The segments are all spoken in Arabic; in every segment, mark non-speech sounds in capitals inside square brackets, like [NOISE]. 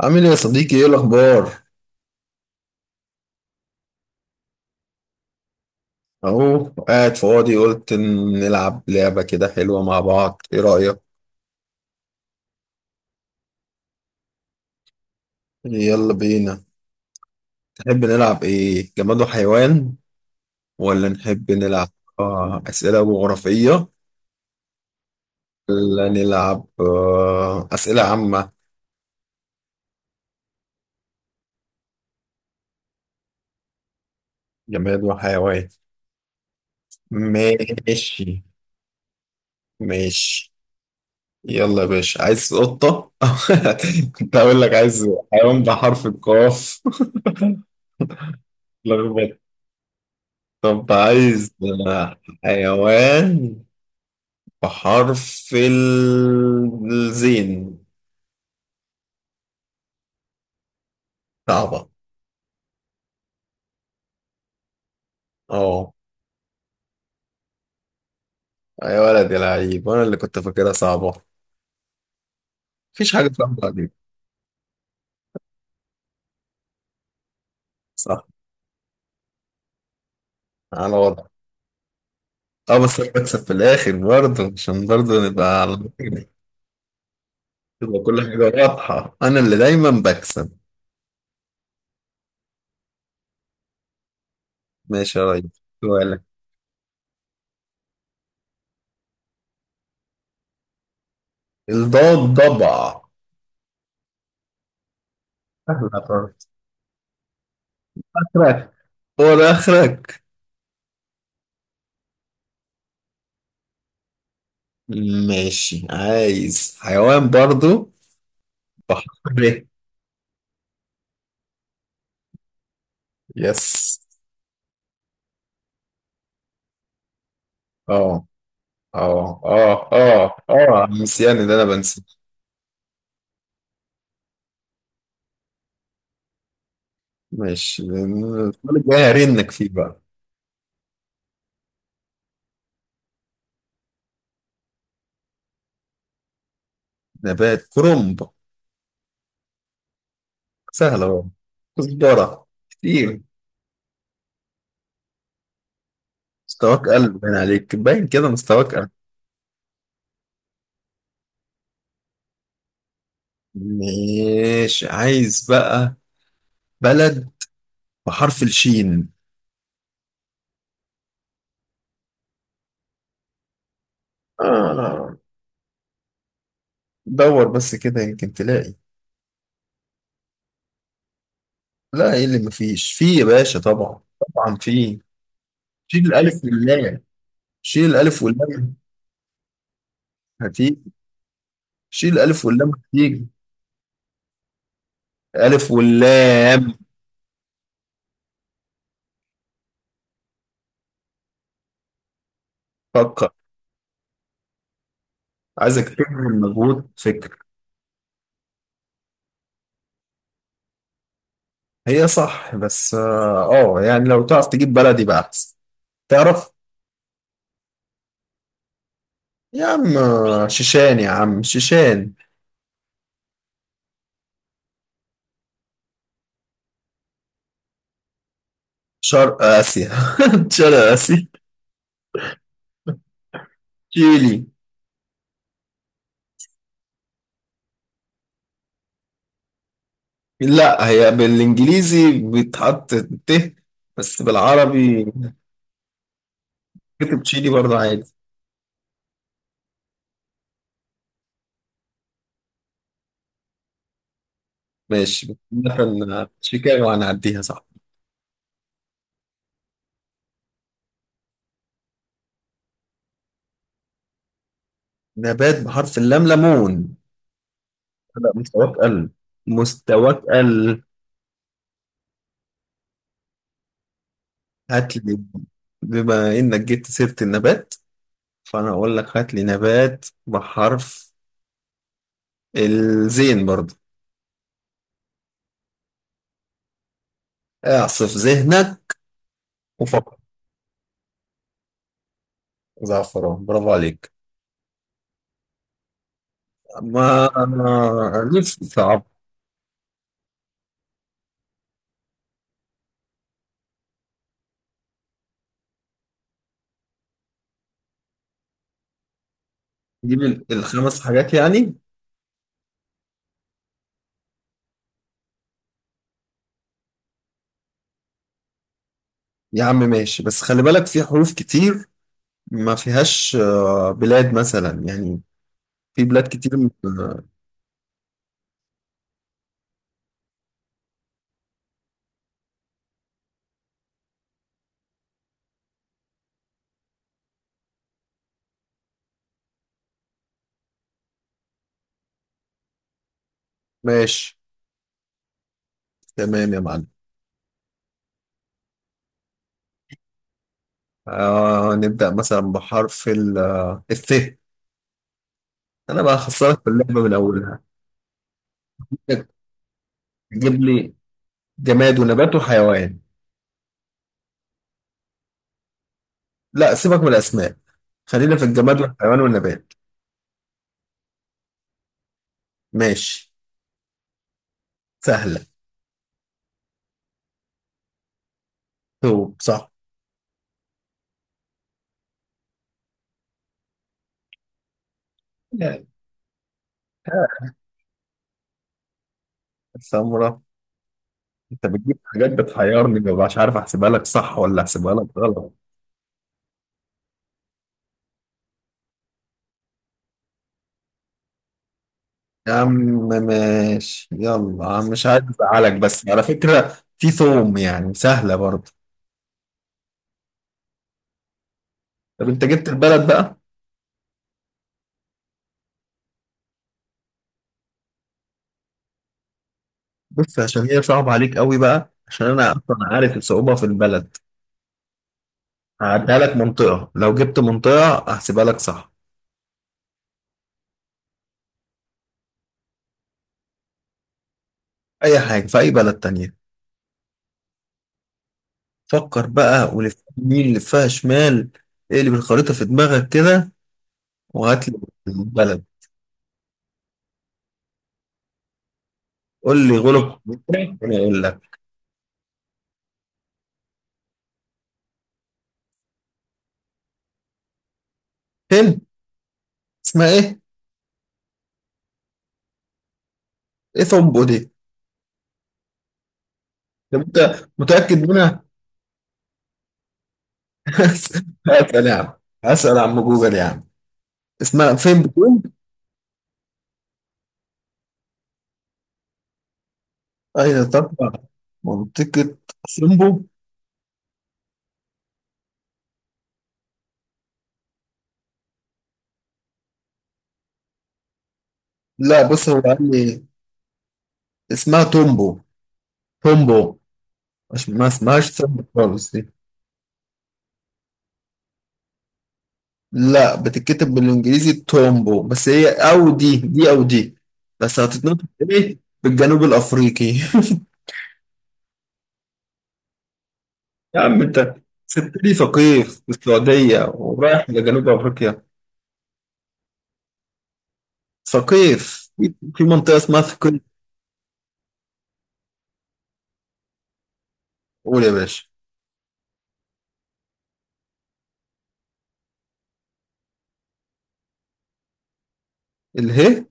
عامل ايه يا صديقي؟ ايه الاخبار؟ اهو قاعد فاضي، قلت إن نلعب لعبة كده حلوة مع بعض. ايه رأيك؟ يلا بينا. تحب نلعب ايه؟ جماد وحيوان ولا نحب نلعب أسئلة جغرافية ولا نلعب أسئلة عامة؟ جماد وحيوان. ماشي. ماشي. يلا يا باشا، عايز قطة. [LAUGHS] كنت هقول لك عايز حيوان بحرف القاف. [LAUGHS] طب عايز حيوان بحرف الزين. صعبة. اه، يا ولد يا لعيب، انا اللي كنت فاكرها صعبة. مفيش حاجة صعبة عليك. صح. على وضع. اه، بس انا بكسب في الاخر برضه، عشان برضه نبقى على مكاني. تبقى كل حاجة واضحة، انا اللي دايما بكسب. ماشي يا ريس. سؤالك. الضاد ضبع. سهلة خالص. اخرك؟ هو ده اخرك؟ ماشي، عايز حيوان برضه. صح. ب. يس. اه اه اه اه اه، نسيان اللي انا بنسى. ماشي، السؤال الجاي هرنك فيه بقى. نبات كرنب. سهل اهو. كزبرة كتير. مستواك قلب، باين عليك، باين كده مستواك قلب. ماشي، عايز بقى بلد بحرف الشين. آه. دور بس كده، يمكن تلاقي. لا، ايه اللي مفيش في يا باشا؟ طبعا. طبعا في. شيل الالف واللام. شيل الالف واللام هتيجي. شيل الألف واللام هتيجي. ألف واللام. فكر. عايزك تبذل مجهود، فكر. هي صح، بس يعني لو تعرف تجيب بلدي بقى أحسن. تعرف؟ يا عم، شيشان يا عم، شيشان. شرق آسيا. [LAUGHS] شرق آسيا. شيلي. لا، هي بالإنجليزي بيتحط ت، بس بالعربي كتب تشيلي برضه عادي. ماشي، مثلا شيكاغو هنعديها صح. نبات بحرف اللام: ليمون. لا، مستواك قل. مستواك قل. هات لي. بما انك جبت سيرة النبات، فانا اقول لك هات لي نبات بحرف الزين برضه. اعصف ذهنك وفكر. زعفران، برافو عليك. ما انا ليه. صعب. جيب الخمس حاجات يعني. يا عم ماشي، بس خلي بالك في حروف كتير ما فيهاش بلاد مثلا يعني. في بلاد كتير. آه، ماشي. تمام يا معلم. نبدأ مثلا بحرف ال آه، الث. أنا بقى خسرت في اللعبة من أولها. تجيب لي جماد ونبات وحيوان. لا، سيبك من الأسماء. خلينا في الجماد والحيوان والنبات. ماشي. سهلة. ثوب صح. يعني. ها؟ سمرة. أنت بتجيب حاجات بتحيرني، مبقاش عارف أحسبها لك صح ولا أحسبها لك غلط. يا عم ماشي، يلا عم، مش عايز أزعلك، بس على فكرة في ثوم، يعني سهلة برضه. طب أنت جبت البلد بقى. بص، عشان هي صعبة عليك قوي بقى، عشان انا اصلا عارف الصعوبة في البلد. هعديها لك منطقة، لو جبت منطقة هحسبها لك صح. اي حاجة في اي بلد تانية. فكر بقى، ولف يمين، لفها شمال. اقلب الخريطة في دماغك كده، وهات لي البلد. قول لي غلب، انا اقول لك. هند. اسمها ايه؟ ايه ثمبو دي؟ طب انت متأكد منها؟ [LAUGHS] هسأل يا عم. هسأل عم جوجل يا عم. اسمها فين بتقول؟ اين تقع؟ منطقة ثمبو. لا بص، هو قال لي اسمها تومبو. تومبو. مش، ما اسمهاش تومبو خالص دي. لا، بتتكتب بالانجليزي تومبو، بس هي او دي دي او دي، بس هتتنطق ايه؟ بالجنوب الافريقي. [LAUGHS] يا عم انت سبتني ثقيف في السعودية ورايح لجنوب افريقيا. ثقيف، في منطقة اسمها ثقيف. قول يا باشا. اله.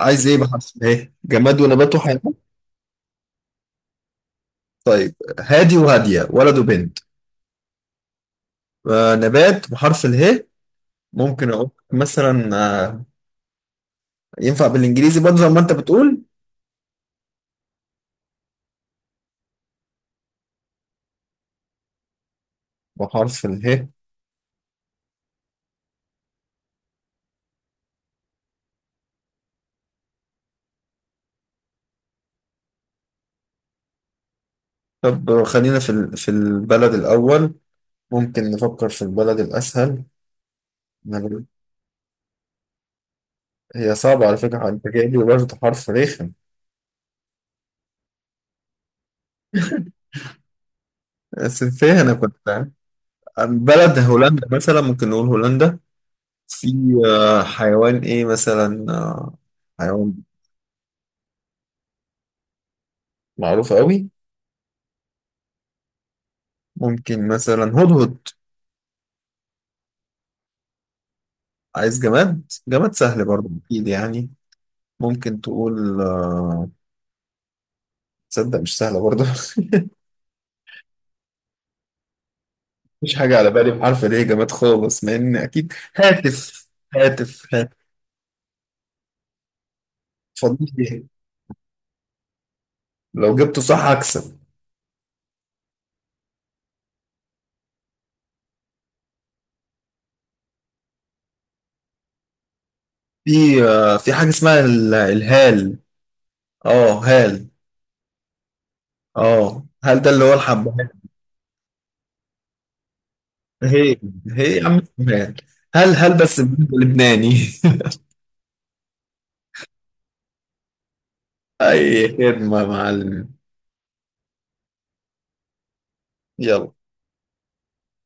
عايز ايه بحرف اله؟ جماد ونبات وحيوان. طيب، هادي وهادية ولد وبنت. نبات بحرف اله. ممكن اقول مثلا. آه، ينفع بالانجليزي برضه زي ما انت بتقول بحرف اله. طب خلينا في في البلد الاول. ممكن نفكر في البلد الاسهل. نقول- هي صعبة على فكرة، انت جايب لي برضه حرف رخم. بس فيها، انا كنت فاهم بلد هولندا مثلا، ممكن نقول هولندا. في. حيوان ايه مثلا؟ حيوان معروف قوي. ممكن مثلا هدهد. عايز جماد، جماد سهل برضه اكيد يعني. ممكن تقول. تصدق مش سهلة برضه. [LAUGHS] مش حاجة على بالي بحرف ليه، جامد خالص، مع إن أكيد هاتف. هاتف. هاتف. اتفضل فيها. لو جبته صح هكسب. في في حاجة اسمها الهال. اه، هال. اه، هل ده اللي هو الحبهان. هي هي يا عم، اسمها هال. هل هل بس بلبناني. [LAUGHS] أي خدمة يا معلم. يلا.